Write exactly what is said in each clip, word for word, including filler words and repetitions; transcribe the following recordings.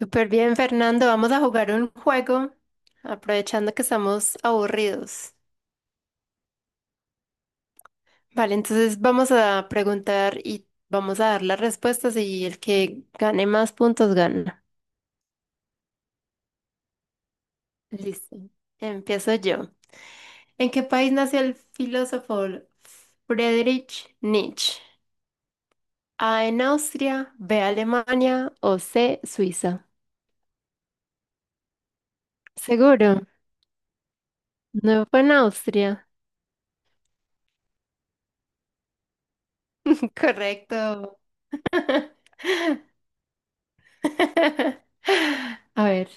Súper bien, Fernando. Vamos a jugar un juego, aprovechando que estamos aburridos. Vale, entonces vamos a preguntar y vamos a dar las respuestas y el que gane más puntos gana. Listo. Empiezo yo. ¿En qué país nació el filósofo Friedrich Nietzsche? A, en Austria, B, Alemania o C, Suiza. ¿Seguro? No fue en Austria. Correcto. A ver.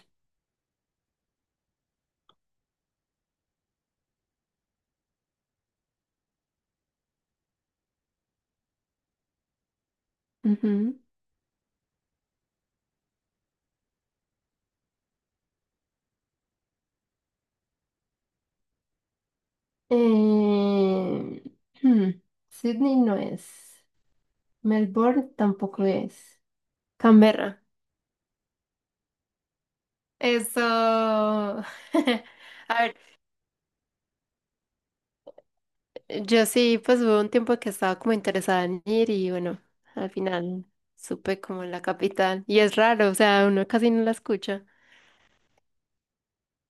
Ujú. Eh, hmm, Sydney no es. Melbourne tampoco es. Canberra. Eso. A ver, yo sí, pues hubo un tiempo que estaba como interesada en ir y bueno, al final supe como la capital. Y es raro, o sea, uno casi no la escucha.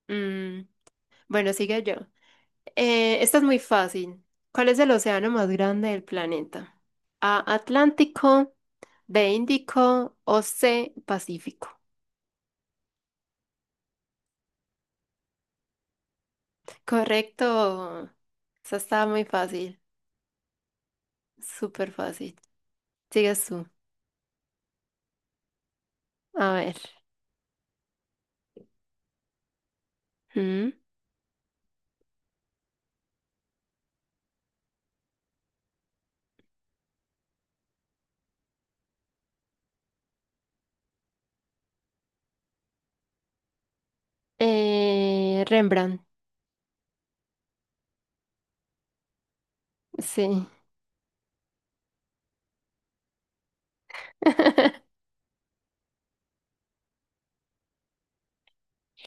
Mm, bueno, sigue yo. Eh, esta es muy fácil. ¿Cuál es el océano más grande del planeta? A, Atlántico, B, Índico o C, Pacífico. Correcto. Esa está muy fácil, súper fácil. Sigues tú. A ver. ¿Mm? Eh, Rembrandt, sí.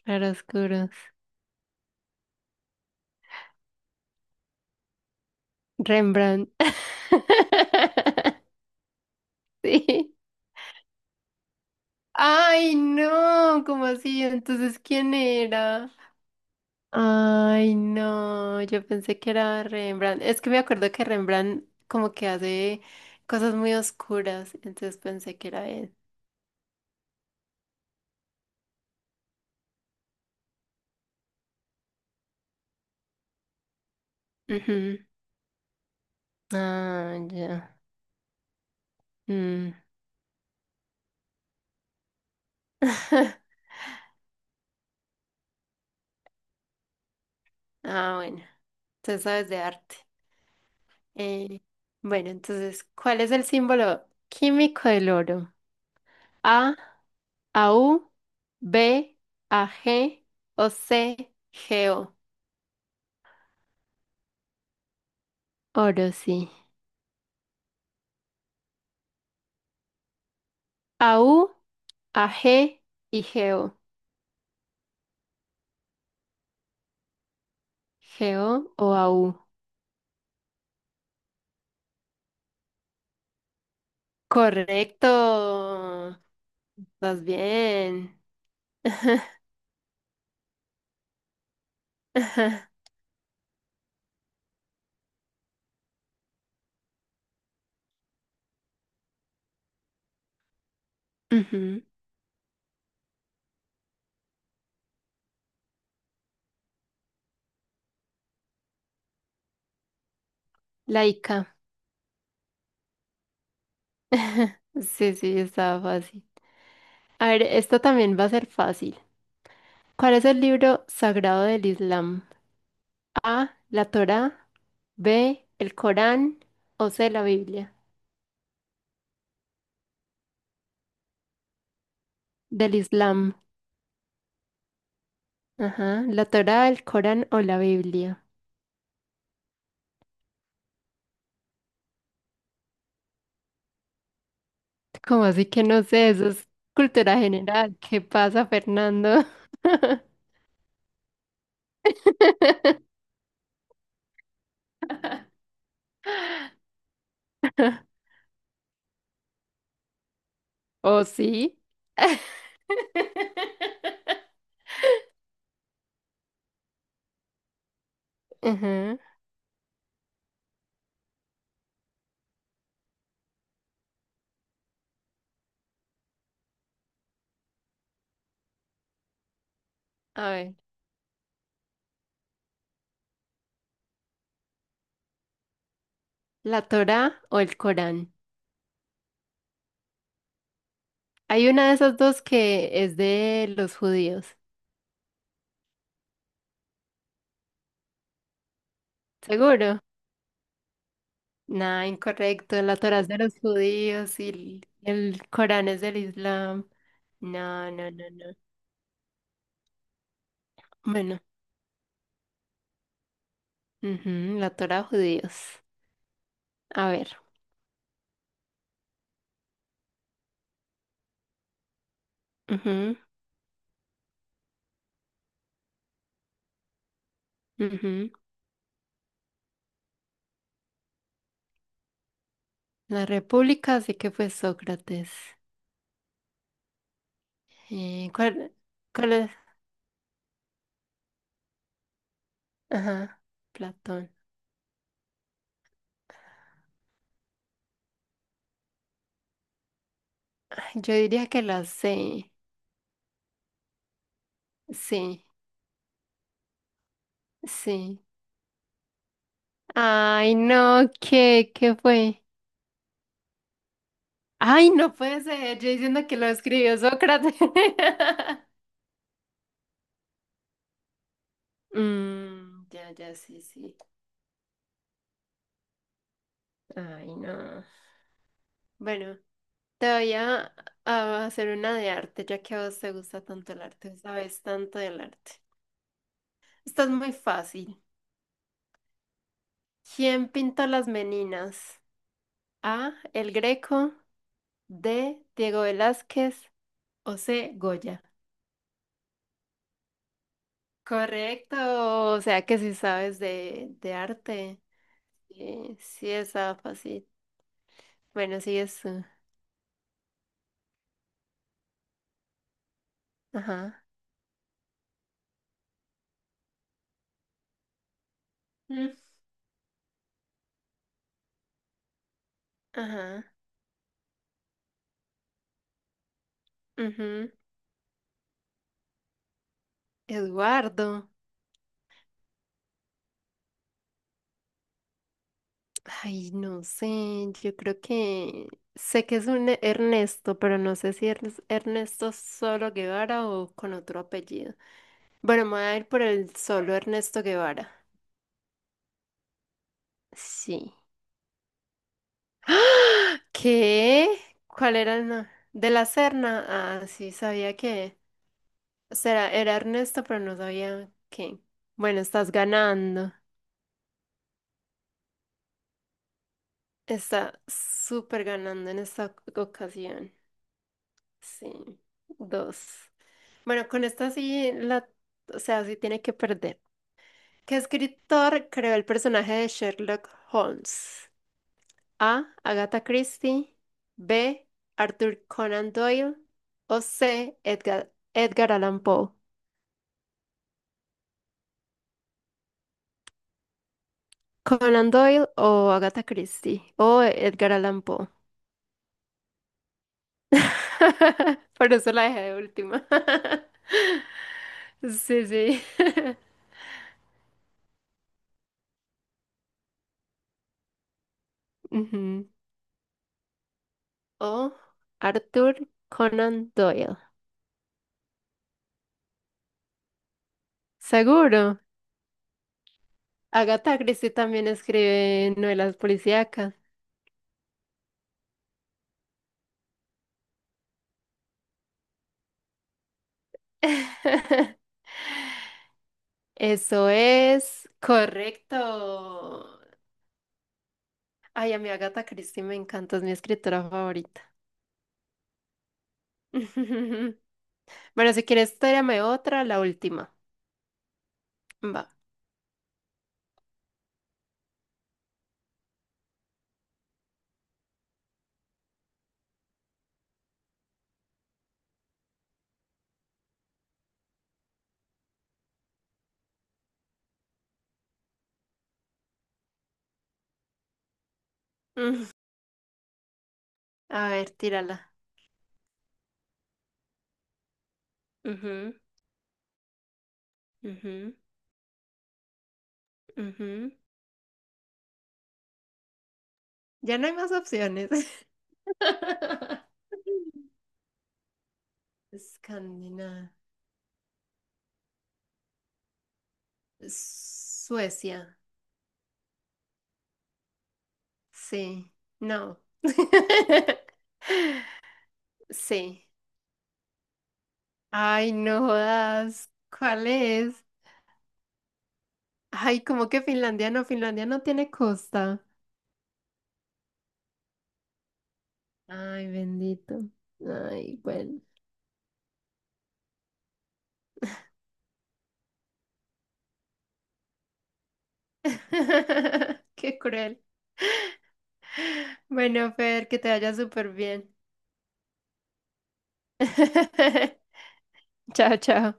Claroscuros. Rembrandt. Sí. Ay, no, ¿cómo así? Entonces, ¿quién era? Ay, no, yo pensé que era Rembrandt. Es que me acuerdo que Rembrandt como que hace cosas muy oscuras, entonces pensé que era él. Ujú. Ah, ya. Mm. Ah, bueno, entonces sabes de arte. Eh, bueno, entonces, ¿cuál es el símbolo químico del oro? A, AU, B, AG o C, GO. Oro, sí. AU, AG y GO. G o A U. Correcto. Vas bien. Ajá. Ujú, Laica. Sí, sí, estaba fácil. A ver, esto también va a ser fácil. ¿Cuál es el libro sagrado del Islam? A, la Torá, B, el Corán o C, la Biblia. Del Islam. Ajá, la Torá, el Corán o la Biblia. ¿Cómo así que no sé? Eso es cultura general. ¿Qué pasa, Fernando? ¿O sí? Ajá. A ver, ¿la Torá o el Corán? Hay una de esas dos que es de los judíos. ¿Seguro? Nah, incorrecto. La Torá es de los judíos y el el Corán es del Islam. No, no, no, no. Bueno, ujú, la Torá judíos. A ver. Ujú, ujú. La República, así que fue Sócrates. Eh, ¿cuál, cuál es? Ajá, Platón. Yo diría que la sé. Sí, sí. Ay, no, ¿qué, qué fue? Ay, no puede ser. Yo diciendo que lo escribió Sócrates. Mm, ya, ya, sí, sí. Ay, no. Bueno, te voy a, a hacer una de arte, ya que a vos te gusta tanto el arte, sabes tanto del arte. Esto es muy fácil. ¿Quién pintó las Meninas? A, El Greco, D, Diego Velázquez, o C, Goya. Correcto, o sea que sí sabes de, de arte. Sí, sí estaba fácil. Bueno, sí es tú. Ajá. Mm. Ajá. Ujú. Eduardo. Ay, no sé, yo creo que sé que es un E- Ernesto, pero no sé si es Ernesto Solo Guevara o con otro apellido. Bueno, me voy a ir por el solo Ernesto Guevara. Sí. ¡Ah! ¿Qué? ¿Cuál era el no- ¿de la Serna? Ah, sí, sabía que. Será, era Ernesto, pero no sabía qué. Bueno, estás ganando. Está súper ganando en esta ocasión. Sí, dos. Bueno, con esta sí la, o sea, sí tiene que perder. ¿Qué escritor creó el personaje de Sherlock Holmes? A, Agatha Christie, B, Arthur Conan Doyle, o C, Edgar, Edgar Allan Poe. Conan Doyle o Agatha Christie o Edgar Allan Poe. Por eso la dejé de última. Sí, sí. Ujú. O Arthur Conan Doyle. Seguro. Agatha Christie también escribe novelas policíacas. Eso es correcto. Ay, a mi Agatha Christie me encanta, es mi escritora favorita. Bueno, si quieres, tírame otra, la última. Va. A ver, tírala. Ujú. Ujú, ujú. Ya no hay más opciones. Escandinavia. Suecia. Sí. No. Sí. Ay, no jodas. ¿Cuál es? Ay, como que Finlandia no? Finlandia no tiene costa. Ay, bendito. Ay, bueno. Qué cruel. Bueno, Fer, que te vaya súper bien. Chao, chao.